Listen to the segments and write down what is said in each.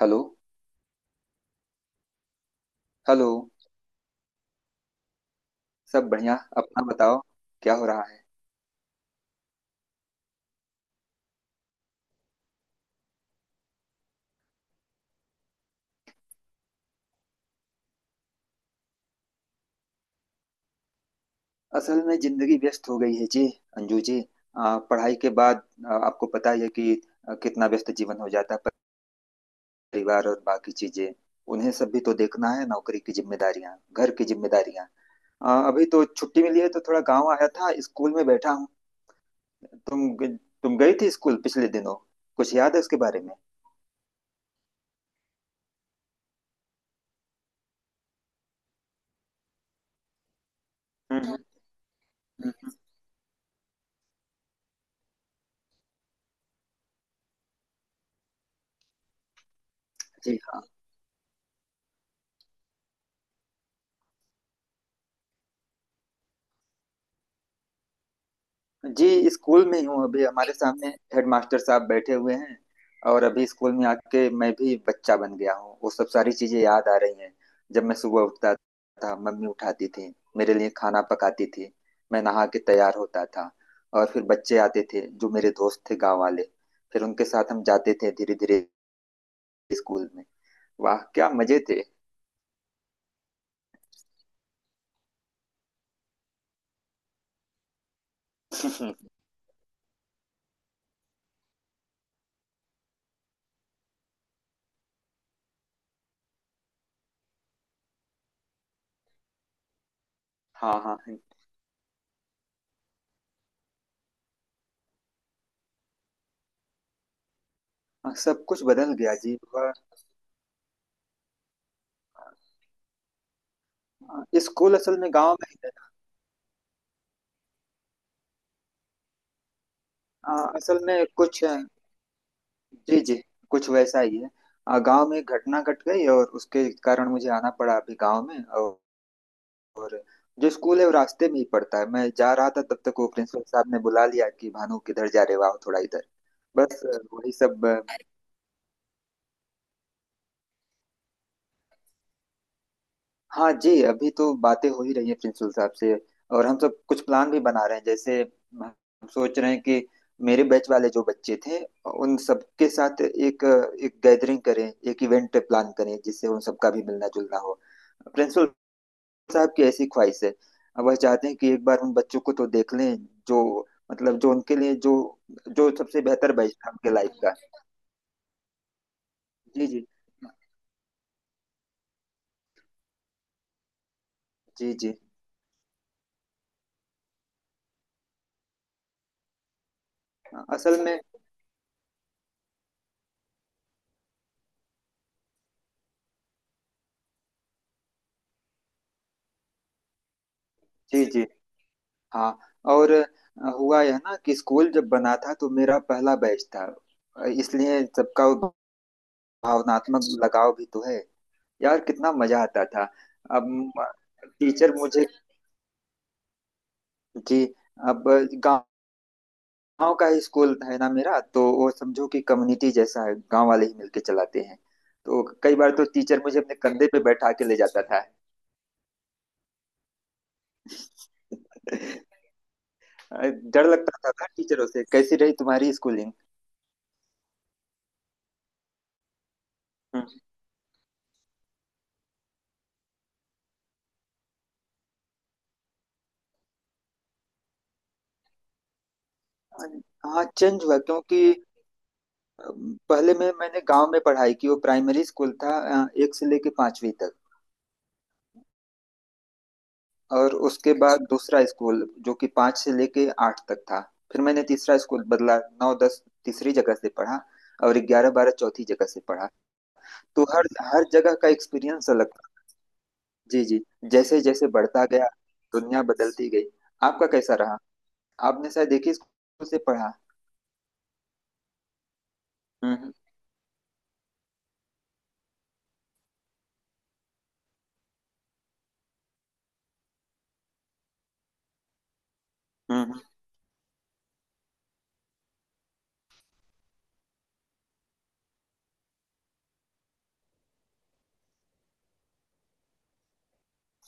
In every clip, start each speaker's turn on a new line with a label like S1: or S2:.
S1: Hello. Hello. सब बढ़िया, अपना बताओ। क्या हो रहा है? असल में जिंदगी व्यस्त हो गई है जी। अंजू जी, पढ़ाई के बाद आपको पता ही है कि कितना व्यस्त जीवन हो जाता है। परिवार और बाकी चीजें उन्हें सब भी तो देखना है, नौकरी की जिम्मेदारियां, घर की जिम्मेदारियां। अभी तो छुट्टी मिली है तो थोड़ा गांव आया था, स्कूल में बैठा हूँ। तुम तुम गई थी स्कूल पिछले दिनों? कुछ याद है उसके बारे में? हम्म। हम्म। हम्म। जी हाँ। जी, स्कूल में ही हूँ। अभी हमारे सामने हेडमास्टर साहब बैठे हुए हैं। और अभी स्कूल में आके मैं भी बच्चा बन गया हूँ, वो सब सारी चीजें याद आ रही हैं। जब मैं सुबह उठता था, मम्मी उठाती थी, मेरे लिए खाना पकाती थी। मैं नहा के तैयार होता था और फिर बच्चे आते थे जो मेरे दोस्त थे, गांव वाले। फिर उनके साथ हम जाते थे, धीरे धीरे स्कूल में। वाह क्या मजे थे। हाँ हाँ। हाँ, सब कुछ बदल गया जी। स्कूल असल में गांव में ही है। हाँ, असल में कुछ, जी जी, कुछ वैसा ही है। गांव में एक घटना घट गई और उसके कारण मुझे आना पड़ा अभी गांव में, और जो स्कूल है वो रास्ते में ही पड़ता है। मैं जा रहा था तब तक वो प्रिंसिपल साहब ने बुला लिया कि भानु किधर जा रहे हो, आओ थोड़ा इधर। बस वही सब। हाँ जी, अभी तो बातें हो ही रही है प्रिंसिपल साहब से। और हम सब कुछ प्लान भी बना रहे हैं। जैसे हम सोच रहे हैं कि मेरे बैच वाले जो बच्चे थे, उन सबके साथ एक एक गैदरिंग करें, एक इवेंट प्लान करें जिससे उन सबका भी मिलना जुलना हो। प्रिंसिपल साहब की ऐसी ख्वाहिश है। अब वह चाहते हैं कि एक बार उन बच्चों को तो देख लें, जो जो उनके लिए जो जो सबसे बेहतर बैठा उनके लाइफ का। जी जी। जी जी। असल में, जी जी, हाँ। और हुआ यह ना कि स्कूल जब बना था तो मेरा पहला बैच था। इसलिए सबका वो भावनात्मक लगाव भी तो है। यार कितना मजा आता था। अब टीचर मुझे। जी। अब, गांव गांव का ही स्कूल है ना मेरा, तो वो समझो कि कम्युनिटी जैसा है, गांव वाले ही मिलके चलाते हैं। तो कई बार तो टीचर मुझे अपने कंधे पे बैठा के ले जाता था। डर लगता था ना टीचरों से। कैसी रही तुम्हारी स्कूलिंग? हम्म। हाँ, चेंज हुआ क्योंकि पहले में मैंने गांव में पढ़ाई की, वो प्राइमरी स्कूल था। एक से लेके पांचवी तक। और उसके बाद दूसरा स्कूल जो कि पाँच से लेके आठ तक था। फिर मैंने तीसरा स्कूल बदला, नौ 10 तीसरी जगह से पढ़ा। और 11 12 चौथी जगह से पढ़ा। तो हर हर जगह का एक्सपीरियंस अलग था। जी जी। जैसे जैसे बढ़ता गया, दुनिया बदलती गई। आपका कैसा रहा? आपने शायद एक ही स्कूल से पढ़ा। हम्म हम्म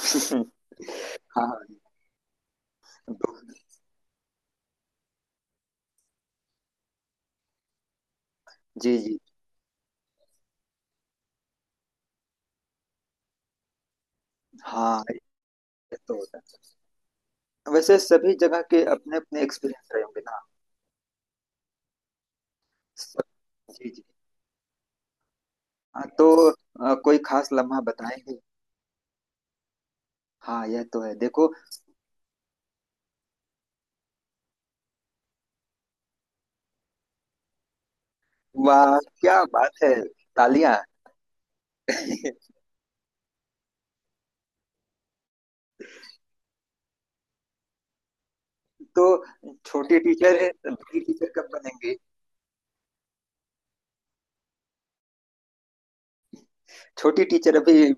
S1: हम्म। हाँ हाँ। जी जी। हाँ, ये तो होता है। वैसे सभी जगह के अपने अपने एक्सपीरियंस रहे होंगे ना। सब। जी जी। हाँ, तो कोई खास लम्हा बताएंगे? हाँ यह तो है, देखो। वाह क्या बात है। तालियां। तो छोटी टीचर है, बड़ी टीचर कब बनेंगी? छोटी टीचर अभी,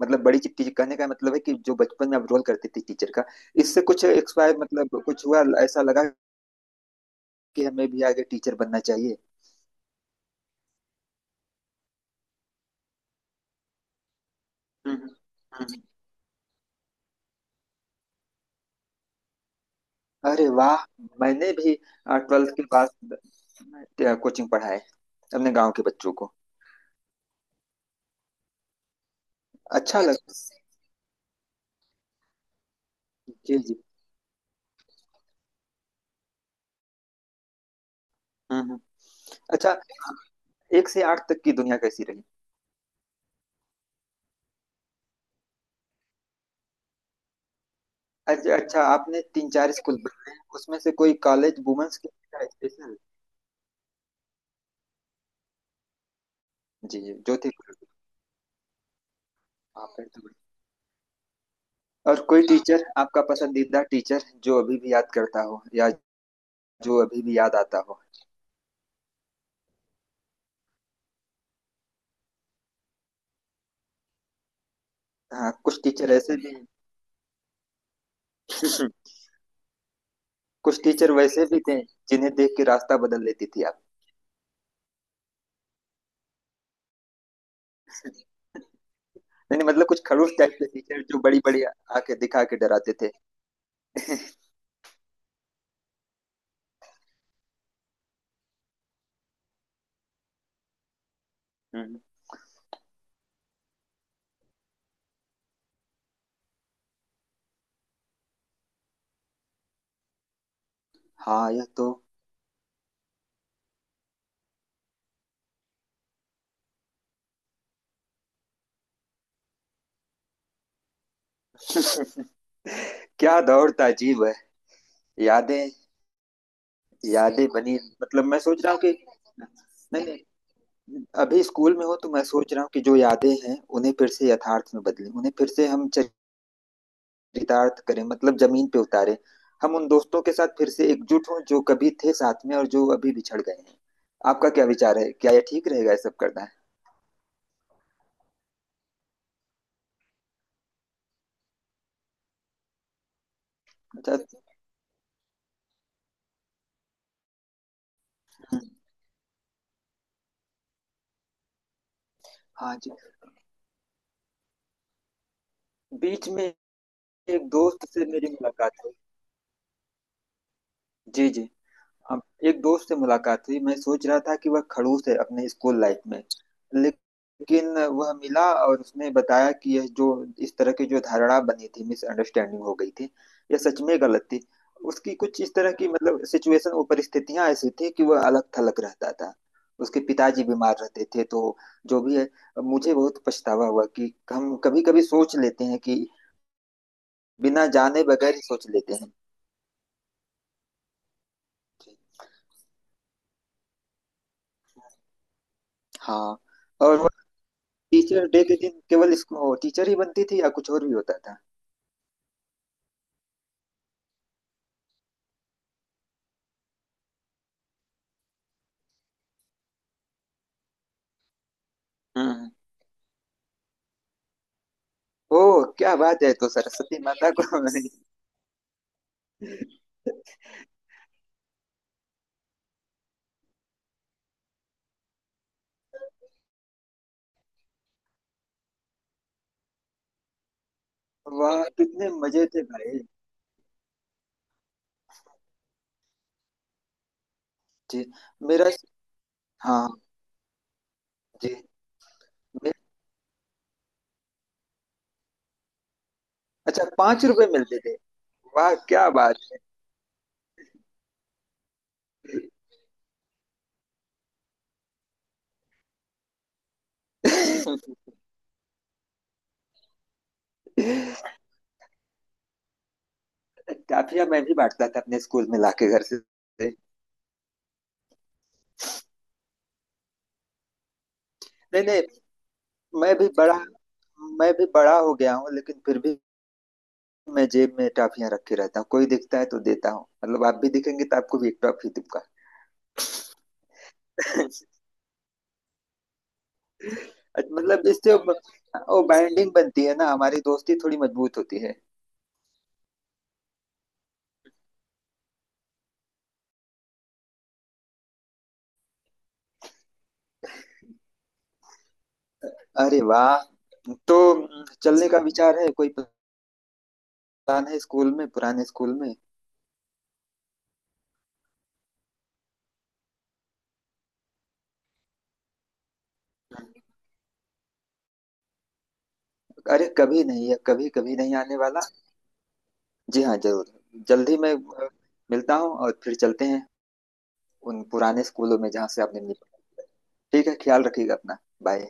S1: मतलब बड़ी टीचर कहने का मतलब है कि जो बचपन में आप रोल करती थी टीचर का, इससे कुछ एक्सपायर, मतलब कुछ हुआ ऐसा लगा कि हमें भी आगे टीचर बनना चाहिए? हम्म हम्म। अरे वाह, मैंने भी 12th के बाद कोचिंग पढ़ाए अपने गांव के बच्चों को। अच्छा लगा। जी जी। हम्म हम्म। अच्छा, एक से आठ तक की दुनिया कैसी रही? अच्छा अच्छा, आपने तीन चार स्कूल बनाए उसमें से कोई कॉलेज वुमेन्स के लिए था स्पेशल? जी जी जो थे। आप। और कोई टीचर, आपका पसंदीदा टीचर जो अभी भी याद करता हो, या जो अभी भी याद आता हो? हाँ, कुछ टीचर ऐसे भी हैं। कुछ टीचर वैसे भी थे जिन्हें देख के रास्ता बदल लेती थी आप। नहीं नहीं, मतलब कुछ खड़ूस टाइप के टीचर जो बड़ी बड़ी आके दिखा के डराते थे। हम्म। हाँ यह तो। क्या दौर था, अजीब है। यादें। यादें बनी। मतलब मैं सोच रहा हूँ कि, नहीं नहीं, अभी स्कूल में हो तो मैं सोच रहा हूँ कि जो यादें हैं उन्हें फिर से यथार्थ में बदलें, उन्हें फिर से हम चरितार्थ करें, मतलब जमीन पे उतारें। हम उन दोस्तों के साथ फिर से एकजुट हों जो कभी थे साथ में और जो अभी बिछड़ गए हैं। आपका क्या विचार है? क्या यह ठीक रहेगा, ये सब करना है? अच्छा। हाँ जी। बीच में एक दोस्त से मेरी मुलाकात हुई। जी जी। अब, एक दोस्त से मुलाकात हुई, मैं सोच रहा था कि वह खड़ूस है अपने स्कूल लाइफ में। लेकिन वह मिला और उसने बताया कि यह जो, इस तरह की जो धारणा बनी थी, मिसअंडरस्टैंडिंग हो गई थी। यह सच में गलत थी। उसकी कुछ इस तरह की, मतलब सिचुएशन, वो परिस्थितियां ऐसी थी कि वह अलग थलग रहता था। उसके पिताजी बीमार रहते थे, तो जो भी है, मुझे बहुत पछतावा हुआ कि हम कभी कभी सोच लेते हैं कि बिना जाने बगैर ही सोच लेते हैं। हाँ। और टीचर डे के दिन केवल इसको टीचर ही बनती थी या कुछ और भी होता था? हम्म। ओह क्या बात है, तो सरस्वती माता को। वाह कितने मजे थे भाई। जी। मेरा। हाँ जी। मे- अच्छा, 5 रुपए मिलते थे? वाह क्या बात। काफिया मैं भी बांटता था अपने स्कूल में लाके घर से। नहीं नहीं, मैं भी बड़ा मैं भी बड़ा हो गया हूँ लेकिन फिर भी मैं जेब में टॉफियां रखे रहता हूँ, कोई दिखता है तो देता हूँ। मतलब आप भी दिखेंगे तो आपको भी एक टॉफी दूंगा। अच्छा, मतलब इससे वो बाइंडिंग बनती है ना, हमारी दोस्ती थोड़ी मजबूत होती है। अरे वाह। तो चलने का विचार है? कोई प्लान है स्कूल में, पुराने स्कूल में? अरे, कभी नहीं है, कभी कभी नहीं आने वाला। जी हाँ, जरूर। जल्दी मैं मिलता हूँ और फिर चलते हैं उन पुराने स्कूलों में जहाँ से आपने ठीक है, ख्याल रखिएगा अपना। बाय।